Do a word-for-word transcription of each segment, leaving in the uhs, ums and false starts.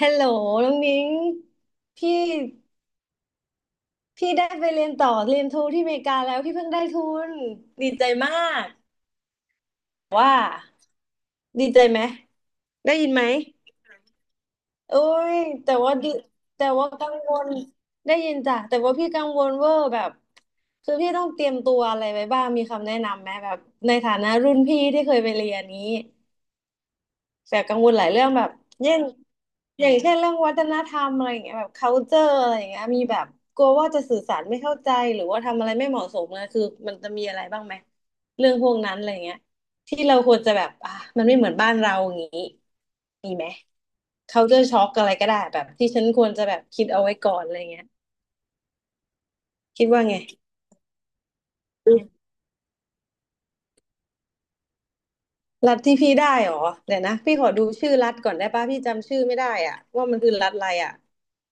ฮัลโหลน้องนิ้งพี่พี่ได้ไปเรียนต่อเรียนโทที่อเมริกาแล้วพี่เพิ่งได้ทุนดีใจมากว่าดีใจไหมได้ยินไหมโอ้ยแต่ว่าดีแต่ว่ากังวลได้ยินจ้ะแต่ว่าพี่กังวลเวอร์แบบคือพี่ต้องเตรียมตัวอะไรไว้บ้างมีคำแนะนำไหมแบบในฐานะรุ่นพี่ที่เคยไปเรียนนี้ แต่กังวลหลายเรื่องแบบเช่นอย่างเช่นเรื่องวัฒนธรรมอะไรอย่างเงี้ยแบบ culture อะไรอย่างเงี้ยมีแบบกลัวว่าจะสื่อสารไม่เข้าใจหรือว่าทำอะไรไม่เหมาะสมนะคือมันจะมีอะไรบ้างไหมเรื่องพวกนั้นอะไรอย่างเงี้ยที่เราควรจะแบบอ่ะมันไม่เหมือนบ้านเราอย่างงี้มีไหม culture shock อะไรก็ได้แบบที่ฉันควรจะแบบคิดเอาไว้ก่อนอะไรเงี้ยคิดว่าไงอืมรัฐที่พี่ได้เหรอเดี๋ยวนะพี่ขอดูชื่อรัฐก่อนได้ป่ะพี่จำชื่อไม่ได้อ่ะว่ามันคือรัฐอะไรอ่ะ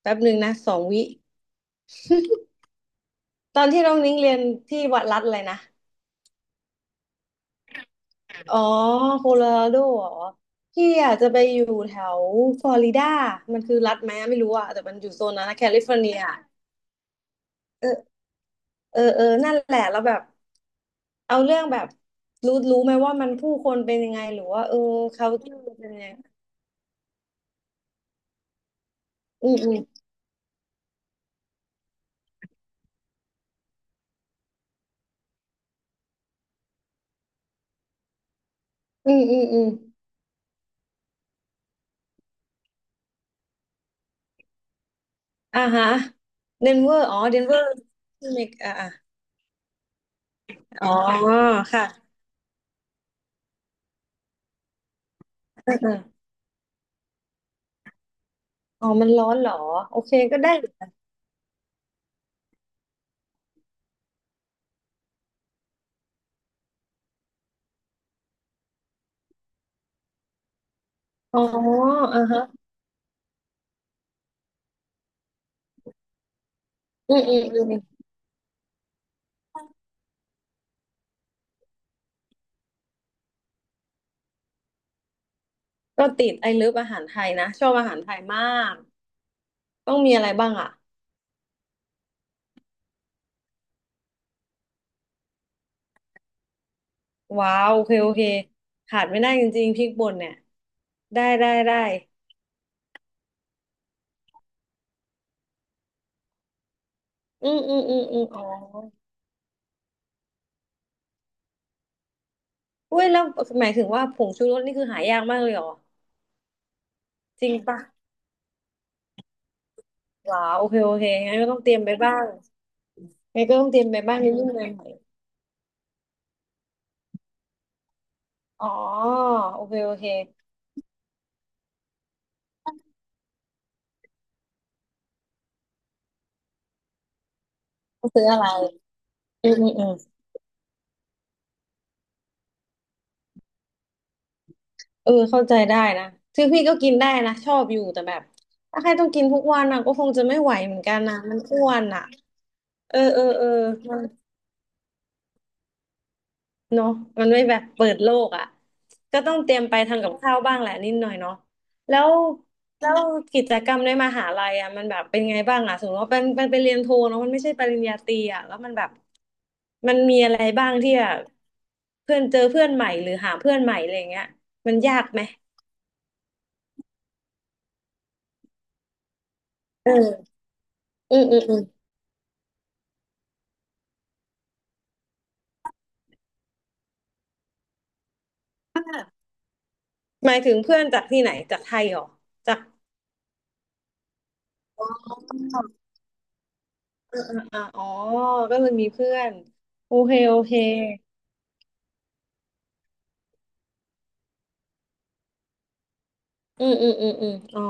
แป๊บหนึ่งนะสองวิ ตอนที่น้องนิ้งเรียนที่วัดรัฐอะไรนะ อ๋อโคโลราโดเหรอพี่อาจจะไปอยู่แถวฟลอริดามันคือรัฐไหมไม่รู้อะแต่มันอยู่โซนนั้นนะแคลิฟอร์เนียเออเออเออนั่นแหละแล้วแบบเอาเรื่องแบบรู้รู้ไหมว่ามันผู้คนเป็นยังไงหรือว่าเออเขาเป็นยังไงอืมอืมอืมอืมอืมอ่าฮะเดนเวอร์อ๋อเดนเวอร์ที่เมกอ่าอะอ๋อค่ะเออเอออ๋อมันร้อนเหรอโอเคก็ได้อ๋ออ่าฮะ อืมอืมอืมก็ติดไอ้เลิฟอาหารไทยนะชอบอาหารไทยมากต้องมีอะไรบ้างอ่ะว้าวโอเคโอเคขาดไม่ได้จริงๆพริกป่นเนี่ยได้ได้ได้อืมอืมอืมอืมอ๋ออุ้ยแล้วหมายถึงว่าผงชูรสนี่คือหายากมากเลยเหรอจริงปะว้าวโอเคโอเคงั้นก็ต้องเตรียมไปบ้างงั้นก็ต้องเตรียมไปบ้างนิดนึงหน่อยๆอ๋อโอเคโอเคต้องซื้ออะไรอืมอืม เออเข้าใจได้นะคือพี่ก็กินได้นะชอบอยู่แต่แบบถ้าใครต้องกินทุกวันอ่ะก็คงจะไม่ไหวเหมือนกันนะมันอ้วนอ่ะเออเออเออมันเนาะมันไม่แบบเปิดโลกอ่ะก็ต้องเตรียมไปทำกับข้าวบ้างแหละนิดหน่อยเนาะแล้วแล้วกิจกรรมในมหาลัยอ่ะมันแบบเป็นไงบ้างอ่ะสมมติว่าเป็นเป็นไปเรียนโทเนาะมันไม่ใช่ปริญญาตรีอ่ะแล้วมันแบบมันมีอะไรบ้างที่แบบเพื่อนเจอเพื่อนใหม่หรือหาเพื่อนใหม่อะไรอย่างเงี้ยมันยากไหมเอออืมอืมอืม หมายถึงเพื่อนจากที่ไหนจากไทยเหรอจากอ่อเออเอออ่ะอ๋อ ก็เลยมีเพื่อนโอเคโอเคอืมอืมอืมอืมอ๋อ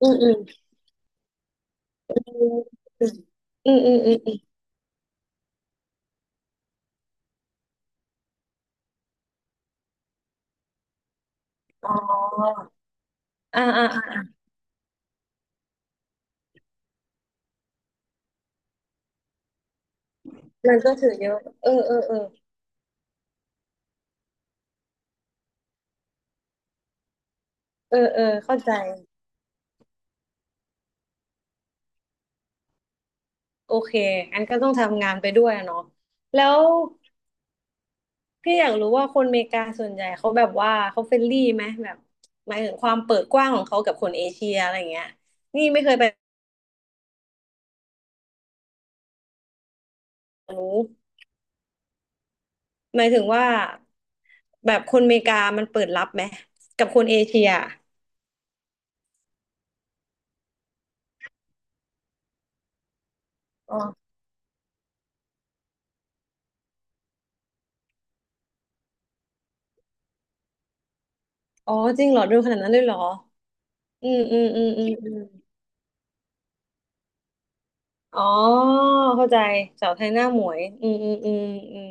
อืมอืมอืมอืมอืมอืมอมอ๋ออ่าอ่าอ่ามันก็ถือเยอะเออเออเออเออเออเข้าใจโอเคงั้นก็ต้องทำงานไปด้วยอะเนาะแล้วพี่อยากรู้ว่าคนอเมริกาส่วนใหญ่เขาแบบว่าเขาเฟรนลี่ไหมแบบหมายถึงความเปิดกว้างของเขากับคนเอเชียอะไรเงี้ยนี่ไม่เคยไปรู้ หมายถึงว่าแบบคนอเมริกามันเปิดรับไหมกับคนเอเชียอ๋ออ๋อจริงเหรอดูขนาดนั้นเลยเหรออืมอืมอืมอืมอืมอ๋อเข้าใจสาวไทยหน้าหมวยอืมอืมอืมอืม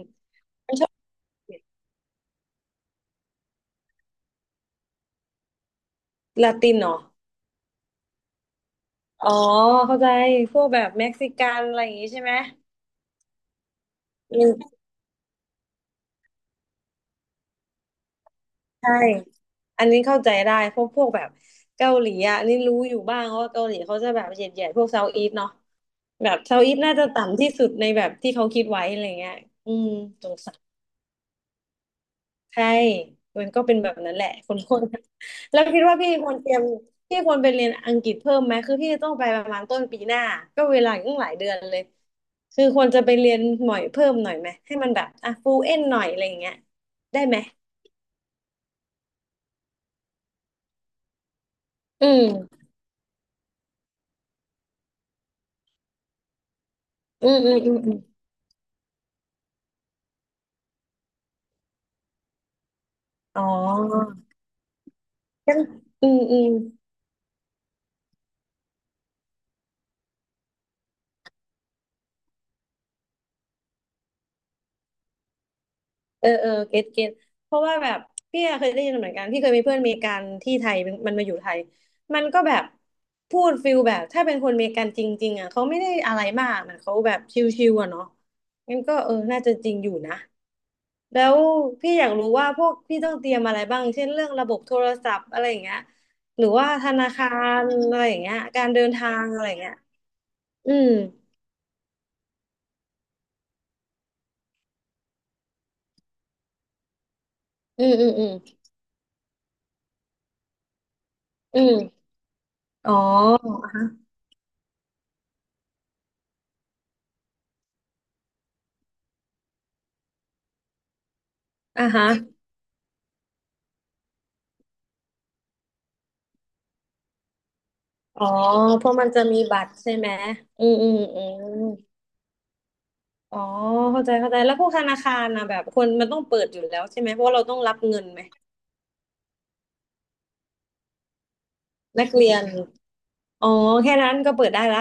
ลาตินเหรออ๋อเข้าใจพวกแบบเม็กซิกันอะไรอย่างงี้ใช่ไหมอืมใช่อันนี้เข้าใจได้เพวกพวกแบบเกาหลีอ่ะอันนี่รู้อยู่บ้างว่าเกาหลีเขาจะแบบเหยียดๆพวกเซาท์อีสเนาะ แบบเซาท์อีสต์น่าจะต่ำที่สุดในแบบที่เขาคิดไว้อะไรเงี้ยอืมสงสัยใช่มันก็เป็นแบบนั้นแหละคนคน แล้วคิดว่าพี่ควรเตรียมพี่ควรไปเรียนอังกฤษเพิ่มไหมคือพี่จะต้องไปประมาณต้นปีหน้าก็เวลาอีกตั้งหลายเดือนเลยคือควรจะไปเรียนหน่อยเพิ่มหน่อยไหมให้มันแบบอ่ะฟูเอ็นหน่อยอะไรอย่างเงี้ยได้ไหม อืมอืมอืมอืมอมอ๋องั้นอืมอืม เออเออเก็ตเก็ตเพราะว่าแบบพี่อะเคยได้ยินเหมือนกันพี่เคยมีเพื่อนอเมริกันที่ไทยมันมันมาอยู่ไทยมันก็แบบพูดฟิลแบบถ้าเป็นคนอเมริกันจริงๆอ่ะเขาไม่ได้อะไรมากเหมันเขาแบบชิลๆอ่ะเนาะงั้นก็เออน่าจะจริงอยู่นะแล้วพี่อยากรู้ว่าพวกพี่ต้องเตรียมอะไรบ้างเช่นเรื่องระบบโทรศัพท์อะไรอย่างเงี้ยหรือว่าธนาคารอะไรอย่างเงี้ยการเดินทางอะไรอย่างเงี้ยอืมอืมอืมอืมอืมอ๋ออ่ะฮะ อ๋อเพราะมันจะมีบัตรใช่ไหมอืมอืมอืมอ๋อเข้าใจเข้าใจแล้วพวกธนาคารนะแบบคนมันต้องเปิดอยู่แล้วใช่ไหมเพราะว่าเราต้องรับเงินไหมนักเรียนอ๋อแค่นั้นก็เปิดได้ละ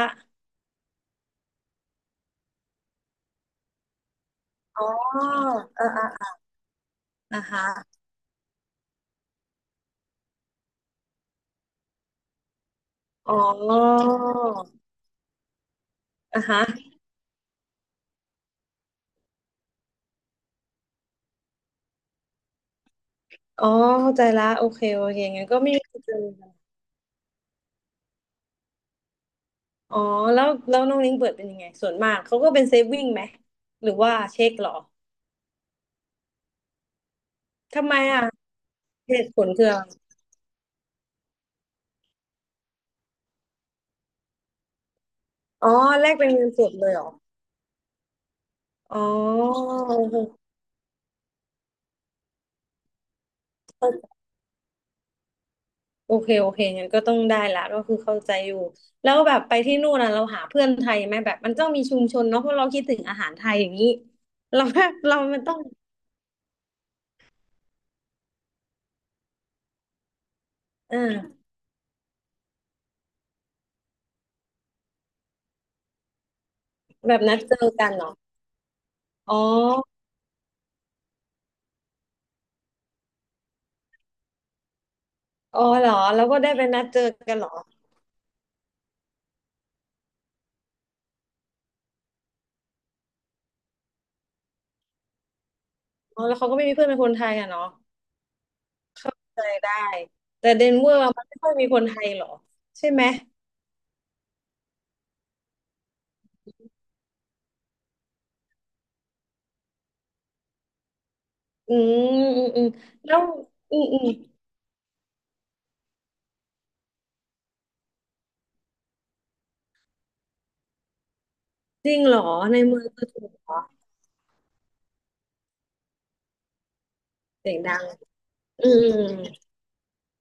อ๋ออ่าอ่าอ่าฮะอ๋ออ่าฮะอ๋อเข้าใจละโอเคโอเคงั้นก็ไม่มีปัญหาอ๋อแล้วแล้วน้องลิงเปิดเป็นยังไงส่วนมากเขาก็เป็นเซฟวิ่งไหมหรือว่าเช็คเหรอทำไมอ่ะเหตุผลคืออะไรอ๋อแลกเป็นเงินสดเลยเหรอ อ๋อโอเคโอเคโอเคงั้นก็ต้องได้ละก็คือเข้าใจอยู่แล้วแบบไปที่นู่นนะเราหาเพื่อนไทยไหมแบบมันต้องมีชุมชนเนาะเพราะเราคิดถึงอาหารไทยอย่างนี้เราแบบ เรามันต้องอ่าแบบนัดเจอกันเหรออ๋ออ๋อเหรอเราก็ได้ไปนัดเจอกันเหรออ๋อแล้วเขาก็ไม่มีเพื่อนเป็นคนไทยอ่ะเนาะเข้าใจได้แต่เดนเวอร์มันไม่ค่อยมีคนไทยเหรอใช่ไหมอืมอืมอืมแล้วอืมอืมจริงเหรอในเมืองคือถูกเหรอเสียงดัง อืม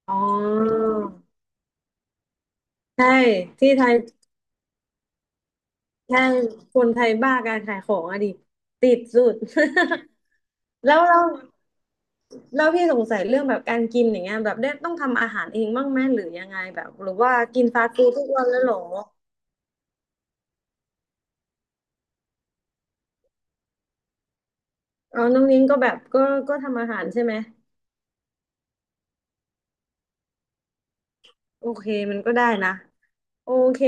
อ๋อ ใช่ ที่ไทยแค่คนไทยบ้าการขายของอะดิติดสุด แล้วเราแล้วพี่สงสัยเรื่องแบบการกินอย่างเงี้ยแบบได้ต้องทำอาหารเองบ้างไหมหรือยังไงแบบหรือว่ากินฟาสต์ฟู้ดทุกวันแล้วเหรอ อ๋อน้องนิ้งก็แบบก็ก็ทำอาหารใช่ไหม โอเคมันก็ได้นะ โอเค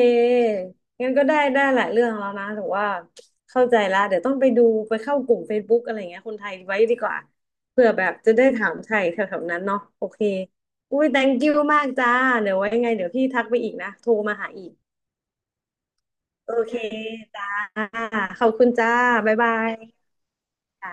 งั้นก็ได้ได้หลายเรื่องแล้วนะแต่ว่าเข้าใจละเดี๋ยวต้องไปดูไปเข้ากลุ่ม Facebook อะไรเงี้ยคนไทยไว้ดีกว่าเผื่อแบบจะได้ถามไทยแถวๆนั้นเนาะโอเคอุ้ย thank you มากจ้าเดี๋ยวไว้ยังไงเดี๋ยวพี่ทักไปอีกนะโทรมาหาอีกโอเคจ้าขอบคุณจ้าบ๊ายบายจ้า